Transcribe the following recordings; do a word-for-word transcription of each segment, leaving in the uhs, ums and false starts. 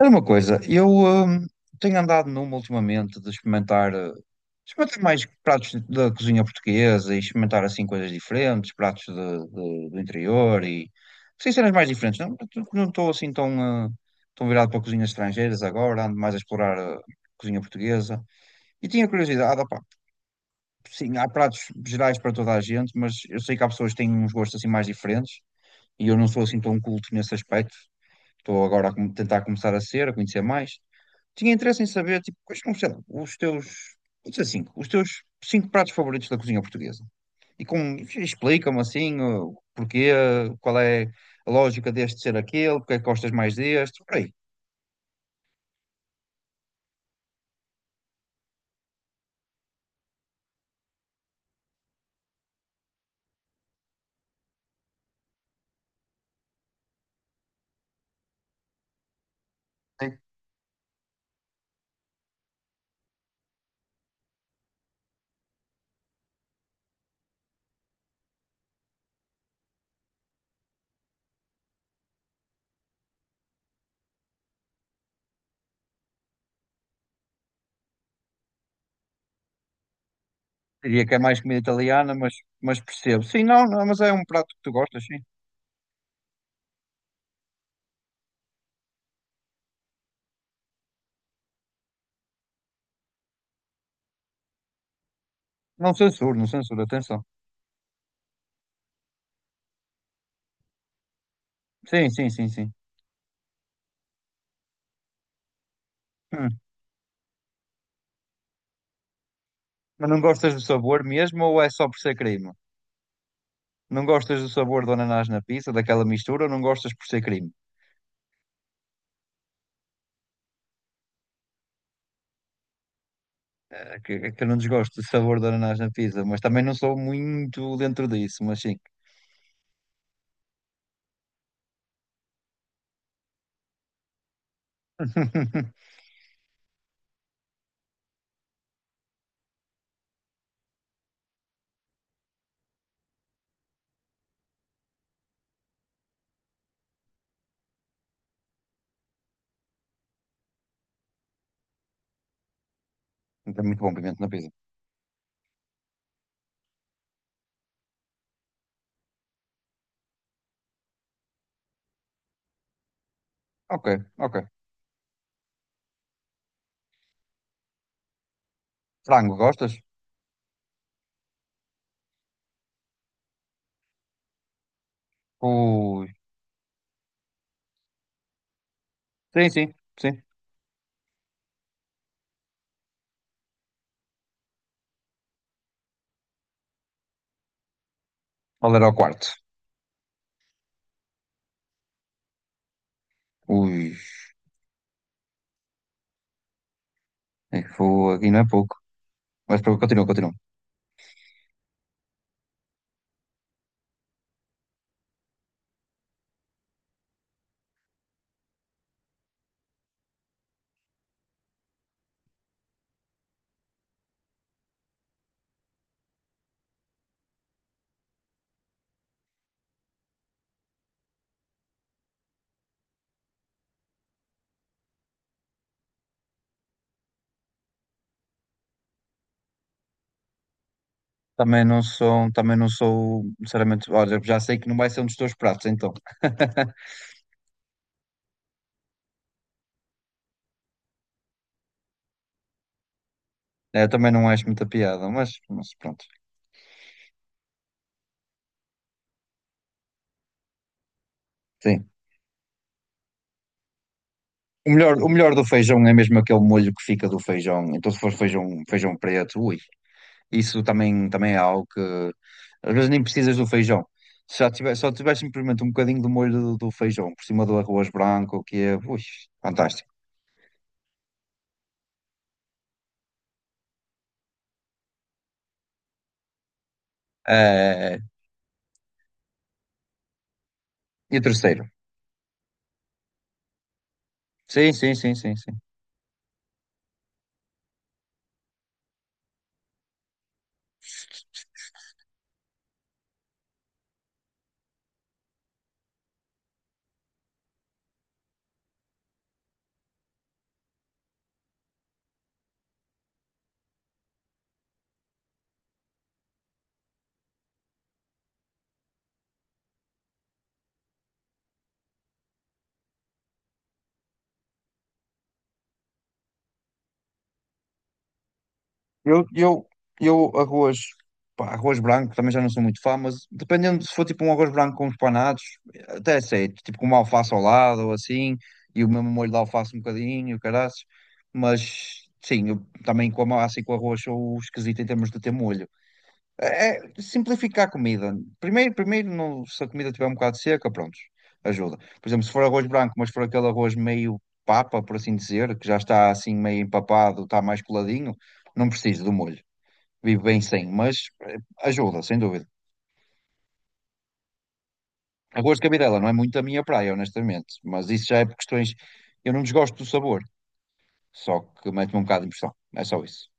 Era uma coisa, eu hum, tenho andado numa ultimamente de experimentar, eh, experimentar mais pratos da cozinha portuguesa e experimentar assim coisas diferentes, pratos de- de- do interior e sim, cenas mais diferentes. Não não estou assim tão, eh, tão virado para cozinhas estrangeiras agora, ando mais a explorar a cozinha portuguesa. E tinha curiosidade, opá, sim, há pratos gerais para toda a gente, mas eu sei que há pessoas que têm uns gostos assim mais diferentes e eu não sou assim tão culto nesse aspecto, estou agora a com- tentar começar a ser, a conhecer mais. Tinha interesse em saber, tipo, quais são, sei lá, os teus, vou dizer cinco, os teus cinco pratos favoritos da cozinha portuguesa. E com, explica-me assim, o porquê, qual é a lógica deste ser aquele, porque é que gostas mais deste, por aí. Sim. Diria que é mais comida italiana, mas, mas percebo. Sim, não, não, mas é um prato que tu gostas, sim. Não censuro, não censuro, atenção. Sim, sim, sim, sim. Hum. Mas não gostas do sabor mesmo ou é só por ser crime? Não gostas do sabor do ananás na pizza, daquela mistura, ou não gostas por ser crime? É que, é que eu não desgosto do sabor do ananás na pizza, mas também não sou muito dentro disso, mas sim. É muito bom pimento na pizza. Ok, ok. Frango, gostas? Ui. Sim, sim, sim. Qual era o quarto? Ui, é que foi aqui não é pouco. Mas pronto, continua, continua. Também não sou, também não sou, sinceramente, olha, já sei que não vai ser um dos teus pratos, então. É, eu também não acho muita piada, mas, mas pronto. Sim. O melhor, o melhor do feijão é mesmo aquele molho que fica do feijão. Então, se for feijão, feijão preto, ui, isso também, também é algo que às vezes nem precisas do feijão. Se já tiver, só tiver simplesmente um bocadinho do molho do, do feijão por cima do arroz branco, que é, ui, fantástico. Eh, e o terceiro? Sim, sim, sim, sim, sim. Eu, eu, eu arroz, pá, arroz branco, também já não sou muito fã, mas dependendo se for tipo um arroz branco com uns panados, até aceito, tipo com uma alface ao lado ou assim, e o mesmo molho de alface um bocadinho, caraças, mas sim, eu também com a massa e com o arroz sou esquisito em termos de ter molho. É, é simplificar a comida. Primeiro, primeiro não- se a comida estiver um bocado seca, pronto, ajuda. Por exemplo, se for arroz branco, mas for aquele arroz meio papa, por assim dizer, que já está assim meio empapado, está mais coladinho, não preciso do molho, vivo bem sem, mas eh, ajuda, sem dúvida. A cor de cabidela não é muito a minha praia, honestamente, mas isso já é por questões. Eu não desgosto do sabor, só que mete-me um bocado de impressão. É só isso.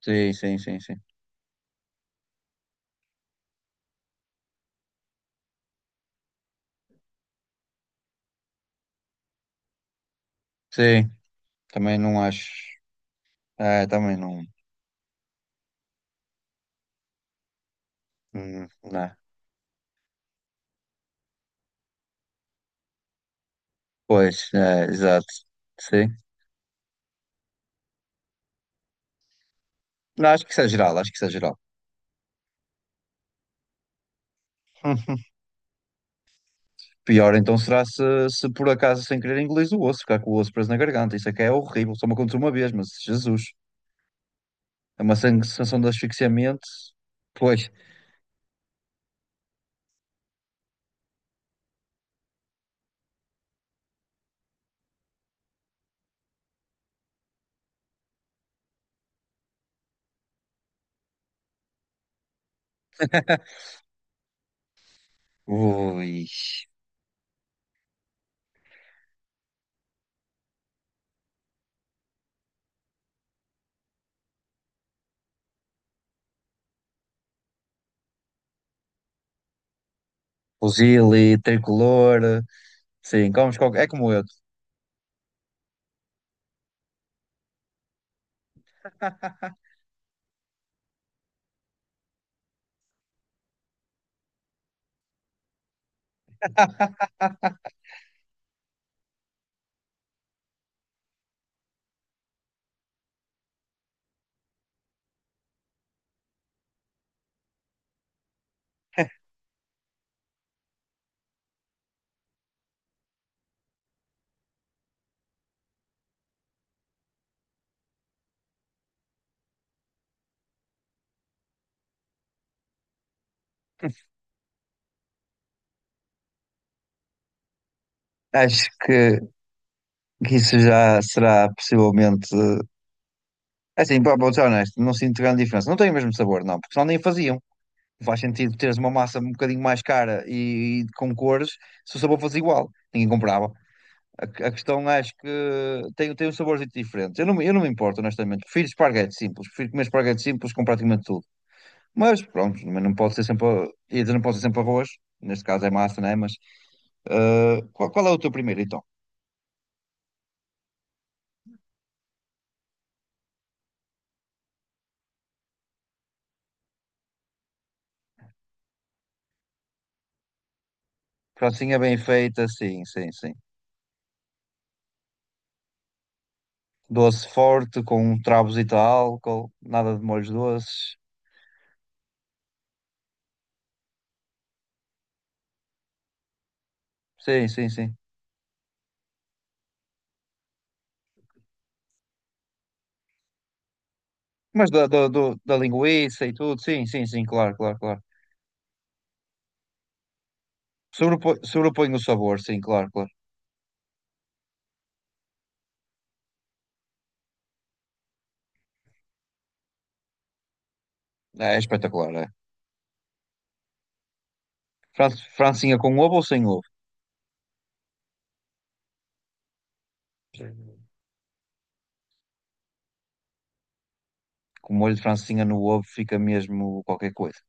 Sim, sim, sim, sim. Sim, também não acho. É, também não. Hum, não é. Pois, é, exato. Sim. Não, acho que isso é geral, acho que isso é geral. Pior então será se, se por acaso sem querer engolir o osso, ficar com o osso preso na garganta. Isso é que é horrível, só me aconteceu uma vez, mas Jesus, é uma sen- sensação de asfixiamento. Pois, ui, fuzile, tricolor, sim, comes qualquer. É como eu. Acho que, que isso já será possivelmente, eh, assim, pá, vou ser honesto, não sinto grande diferença. Não tem o mesmo sabor, não, porque senão nem faziam. Não faz sentido teres uma massa um bocadinho mais cara e, e com cores se o sabor fosse igual. Ninguém comprava. A, a questão acho que tem, tem um sabor diferente. Eu não, me- eu não me importo, honestamente. Prefiro esparguete simples. Prefiro comer esparguete simples com praticamente tudo. Mas pronto, mas não pode ser sempre, ia dizer, não pode ser sempre arroz, neste caso é massa, né? Mas ah, qual, qual é o teu primeiro então? Francinha bem feita, sim, sim, sim. Doce forte, com um travozito de álcool, nada de molhos doces. Sim, sim, sim. Mas da, da, do- da linguiça e tudo, sim, sim, sim, claro, claro, claro. Sobrepõe, sobrepõe o sabor, sim, claro, claro. É, espetacular, é. Fran- Francinha com ovo ou sem ovo? Com molho de francinha no ovo fica mesmo qualquer coisa.